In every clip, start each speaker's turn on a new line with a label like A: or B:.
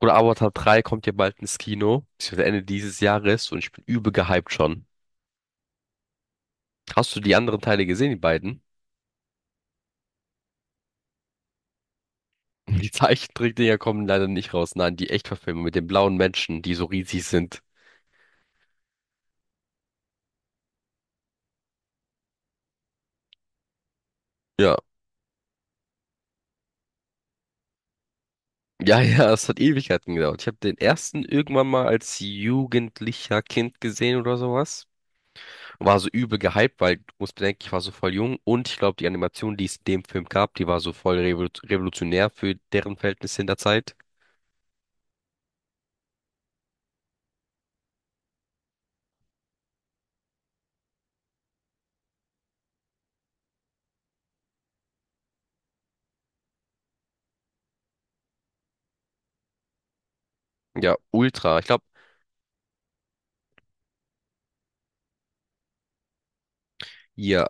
A: Oder Avatar 3 kommt ja bald ins Kino, beziehungsweise Ende dieses Jahres und ich bin übel gehypt schon. Hast du die anderen Teile gesehen, die beiden? Die Zeichentrickdinger kommen leider nicht raus. Nein, die Echtverfilmung mit den blauen Menschen, die so riesig sind. Ja. Ja, ja, es hat Ewigkeiten gedauert. Ich habe den ersten irgendwann mal als jugendlicher Kind gesehen oder sowas. War so übel gehypt, weil du musst bedenken, ich war so voll jung und ich glaube, die Animation, die es in dem Film gab, die war so voll revolutionär für deren Verhältnisse in der Zeit. Ja, ultra. Ich glaube, hier.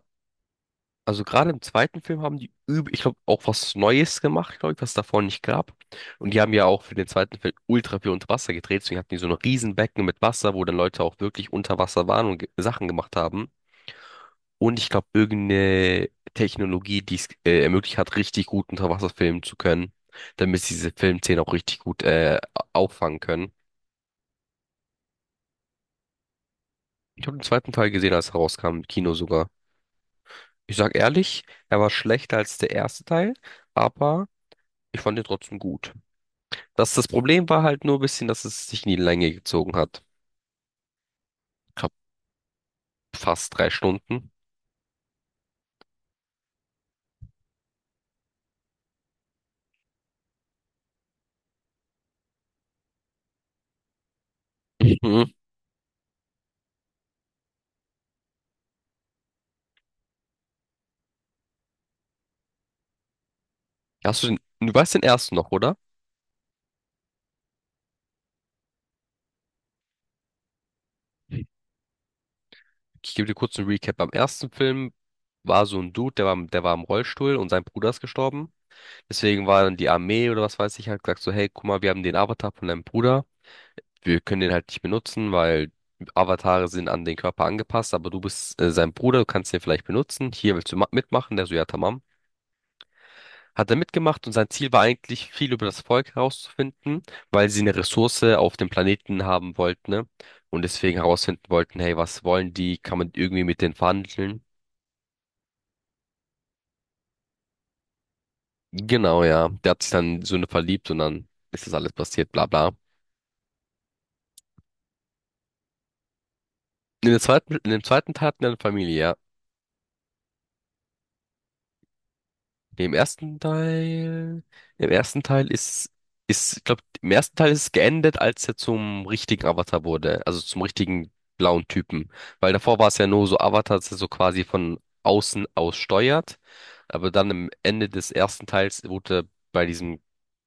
A: Also gerade im zweiten Film haben die, ich glaube, auch was Neues gemacht, glaube ich, was davor nicht gab. Und die haben ja auch für den zweiten Film ultra viel unter Wasser gedreht. Deswegen hatten die so ein Riesenbecken mit Wasser, wo dann Leute auch wirklich unter Wasser waren und Sachen gemacht haben. Und ich glaube, irgendeine Technologie, die es ermöglicht hat, richtig gut unter Wasser filmen zu können, damit sie diese Filmszenen auch richtig gut auffangen können. Ich habe den zweiten Teil gesehen, als er rauskam, im Kino sogar. Ich sag ehrlich, er war schlechter als der erste Teil, aber ich fand ihn trotzdem gut. Das Problem war halt nur ein bisschen, dass es sich in die Länge gezogen hat. Ich hab fast 3 Stunden. Mhm. Hast du den, du weißt den ersten noch, oder? Ich gebe dir kurz einen Recap. Beim ersten Film war so ein Dude, der war, der war im Rollstuhl und sein Bruder ist gestorben. Deswegen war dann die Armee oder was weiß ich, hat gesagt so: hey, guck mal, wir haben den Avatar von deinem Bruder. Wir können den halt nicht benutzen, weil Avatare sind an den Körper angepasst, aber du bist sein Bruder, du kannst den vielleicht benutzen. Hier, willst du mitmachen? Der so: ja, tamam, hat er mitgemacht und sein Ziel war eigentlich, viel über das Volk herauszufinden, weil sie eine Ressource auf dem Planeten haben wollten, ne? Und deswegen herausfinden wollten, hey, was wollen die? Kann man irgendwie mit denen verhandeln? Genau, ja. Der hat sich dann in so eine verliebt und dann ist das alles passiert, bla bla. In der zweiten, in dem zweiten Teil hatten wir eine Familie, ja. Nee, im ersten Teil ich glaube, im ersten Teil ist es geendet, als er zum richtigen Avatar wurde, also zum richtigen blauen Typen. Weil davor war es ja nur so Avatar, dass er so quasi von außen aus steuert. Aber dann am Ende des ersten Teils wurde er bei diesem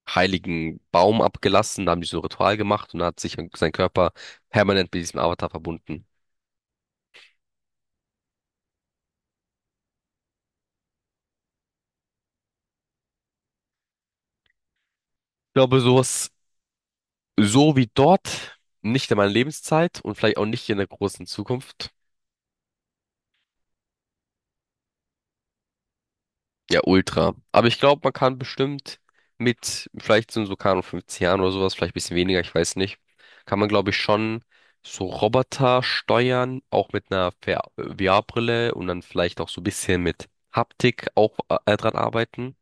A: heiligen Baum abgelassen, da haben die so ein Ritual gemacht und da hat sich sein Körper permanent mit diesem Avatar verbunden. Ich glaube, sowas, so wie dort, nicht in meiner Lebenszeit und vielleicht auch nicht in der großen Zukunft. Ja, ultra. Aber ich glaube, man kann bestimmt mit, vielleicht sind so, keine Ahnung, 50 Jahren oder sowas, vielleicht ein bisschen weniger, ich weiß nicht, kann man, glaube ich, schon so Roboter steuern, auch mit einer VR VR-Brille und dann vielleicht auch so ein bisschen mit Haptik auch dran arbeiten.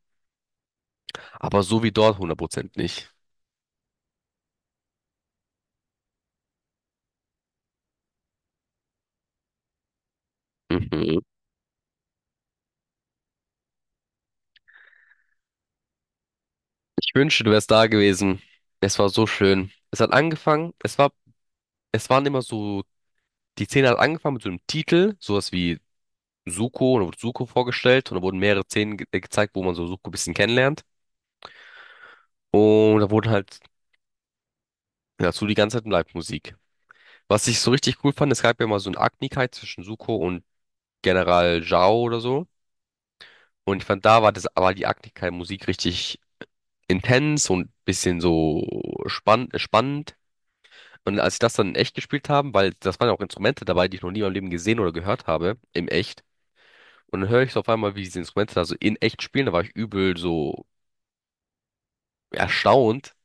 A: Aber so wie dort 100% nicht. Mhm. Ich wünschte, du wärst da gewesen. Es war so schön. Es hat angefangen, es war, es waren immer so, die Szene hat angefangen mit so einem Titel, sowas wie Suko, da wurde Suko vorgestellt und da wurden mehrere Szenen ge gezeigt, wo man so Suko ein bisschen kennenlernt. Und da wurden halt dazu die ganze Zeit Live-Musik. Was ich so richtig cool fand, es gab ja mal so eine Agnigkeit zwischen Suko und General Zhao oder so. Und ich fand, da war das, war die Agnigkeit-Musik richtig intens und bisschen so spannend. Und als ich das dann in echt gespielt haben, weil das waren ja auch Instrumente dabei, die ich noch nie in meinem Leben gesehen oder gehört habe, im echt. Und dann höre ich so auf einmal, wie diese Instrumente da so in echt spielen, da war ich übel so erstaunt.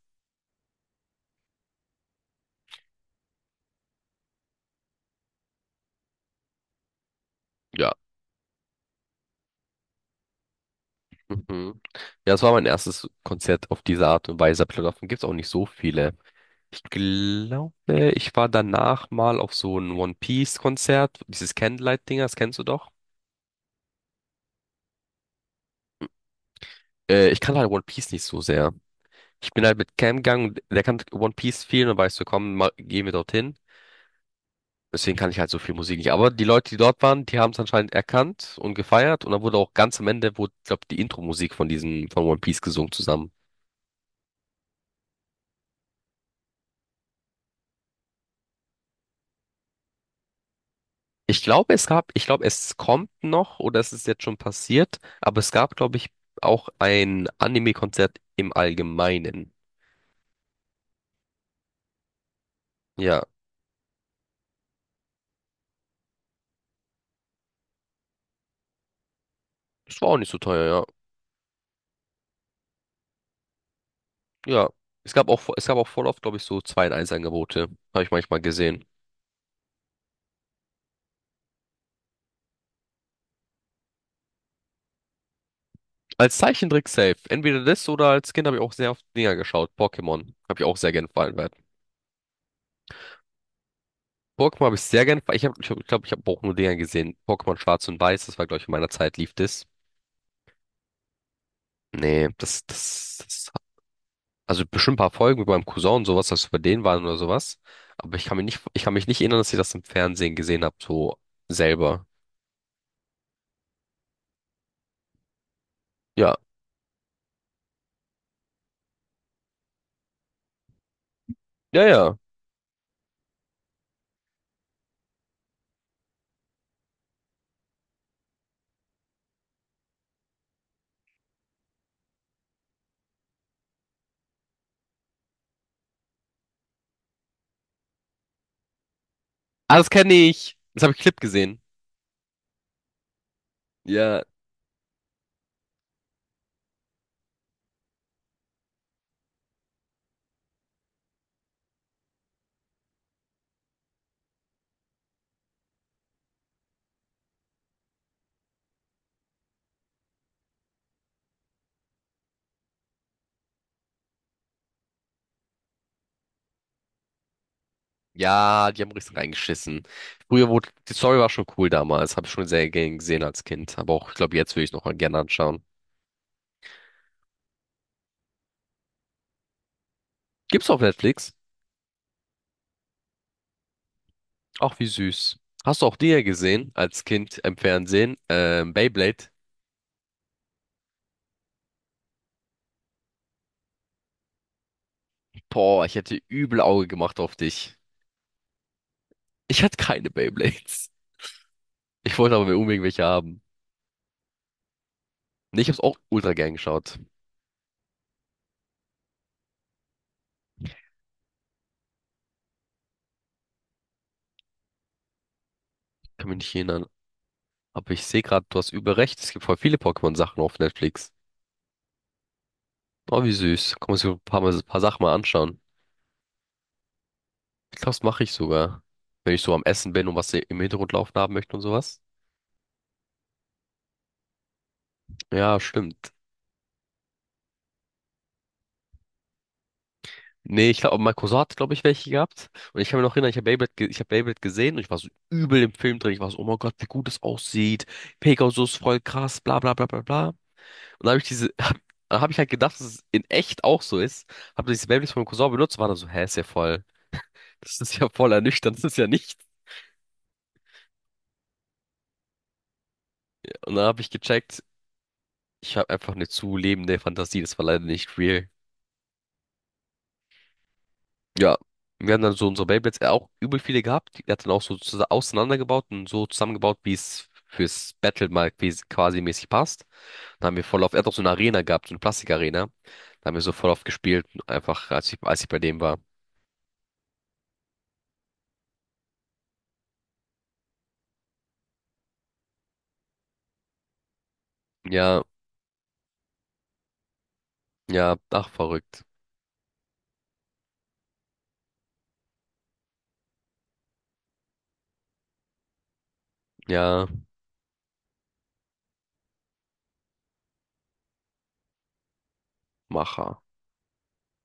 A: Ja. Mhm. Ja, das war mein erstes Konzert auf diese Art und Weise. Aber davon gibt es auch nicht so viele. Ich glaube, ich war danach mal auf so ein One Piece-Konzert, dieses Candlelight-Ding, das kennst du doch. Ich kann halt One Piece nicht so sehr. Ich bin halt mit Cam gegangen, und der kann One Piece viel und weißt du, komm, mal, gehen wir dorthin. Deswegen kann ich halt so viel Musik nicht. Aber die Leute, die dort waren, die haben es anscheinend erkannt und gefeiert. Und dann wurde auch ganz am Ende, wurde, glaube, die Intro-Musik von diesem, von One Piece gesungen zusammen. Ich glaube, es gab, ich glaube, es kommt noch oder es ist jetzt schon passiert, aber es gab, glaube ich, auch ein Anime-Konzert im Allgemeinen. Ja, es war auch nicht so teuer, ja. Ja, es gab auch voll oft, glaube ich, so zwei in 1 angebote habe ich manchmal gesehen. Als Zeichentrick safe. Entweder das oder als Kind habe ich auch sehr oft Dinger geschaut. Pokémon habe ich auch sehr gern verallgemeinert. Pokémon habe ich sehr gern, ich habe, ich glaube, ich, ich habe auch nur Dinger gesehen. Pokémon Schwarz und Weiß, das war, glaube ich, in meiner Zeit lief das. Nee, das, das, das. Also bestimmt ein paar Folgen mit meinem Cousin und sowas, dass wir bei denen waren oder sowas. Aber ich kann mich nicht erinnern, dass ich das im Fernsehen gesehen habe, so selber. Ja. Ja, ja. Ah, das kenne ich. Das habe ich Clip gesehen. Ja. Ja, die haben richtig reingeschissen. Früher wurde, die Story war schon cool damals. Habe ich schon sehr gern gesehen als Kind. Aber auch, ich glaube, jetzt würde ich noch mal gerne anschauen. Gibt's auf Netflix? Ach, wie süß. Hast du auch die ja gesehen als Kind im Fernsehen? Beyblade? Boah, ich hätte übel Auge gemacht auf dich. Ich hatte keine Beyblades. Ich wollte aber unbedingt welche haben. Nee, ich hab's auch ultra gern geschaut. Kann mich nicht erinnern. Aber ich sehe gerade, du hast übel recht. Es gibt voll viele Pokémon-Sachen auf Netflix. Oh, wie süß. Kann man sich so ein paar, Mal, ein paar Sachen mal anschauen. Ich glaube, das mache ich sogar. Wenn ich so am Essen bin und was im Hintergrund laufen haben möchte und sowas. Ja, stimmt. Nee, ich glaube, mein Cousin hat, glaube ich, welche gehabt. Und ich kann mir noch erinnern, ich habe Beyblade, ge ich hab Beyblade gesehen und ich war so übel im Film drin. Ich war so, oh mein Gott, wie gut es aussieht. Pegasus, voll krass, bla bla bla bla bla. Und dann habe ich diese, dann hab ich halt gedacht, dass es in echt auch so ist. Habe dieses Babyliss von meinem Cousin benutzt und war dann so, hä, ist ja voll, das ist ja voll ernüchternd, das ist ja nicht. Und dann habe ich gecheckt, ich habe einfach eine zu lebende Fantasie, das war leider nicht real. Ja, wir haben dann so unsere Beyblades auch übel viele gehabt. Die hat dann auch so auseinandergebaut und so zusammengebaut, wie es fürs Battle mal quasi mäßig passt. Dann haben wir voll auf, er hat auch so eine Arena gehabt, so eine Plastikarena. Da haben wir so voll auf gespielt, einfach als ich bei dem war. Ja, ja, ach, verrückt. Ja. macher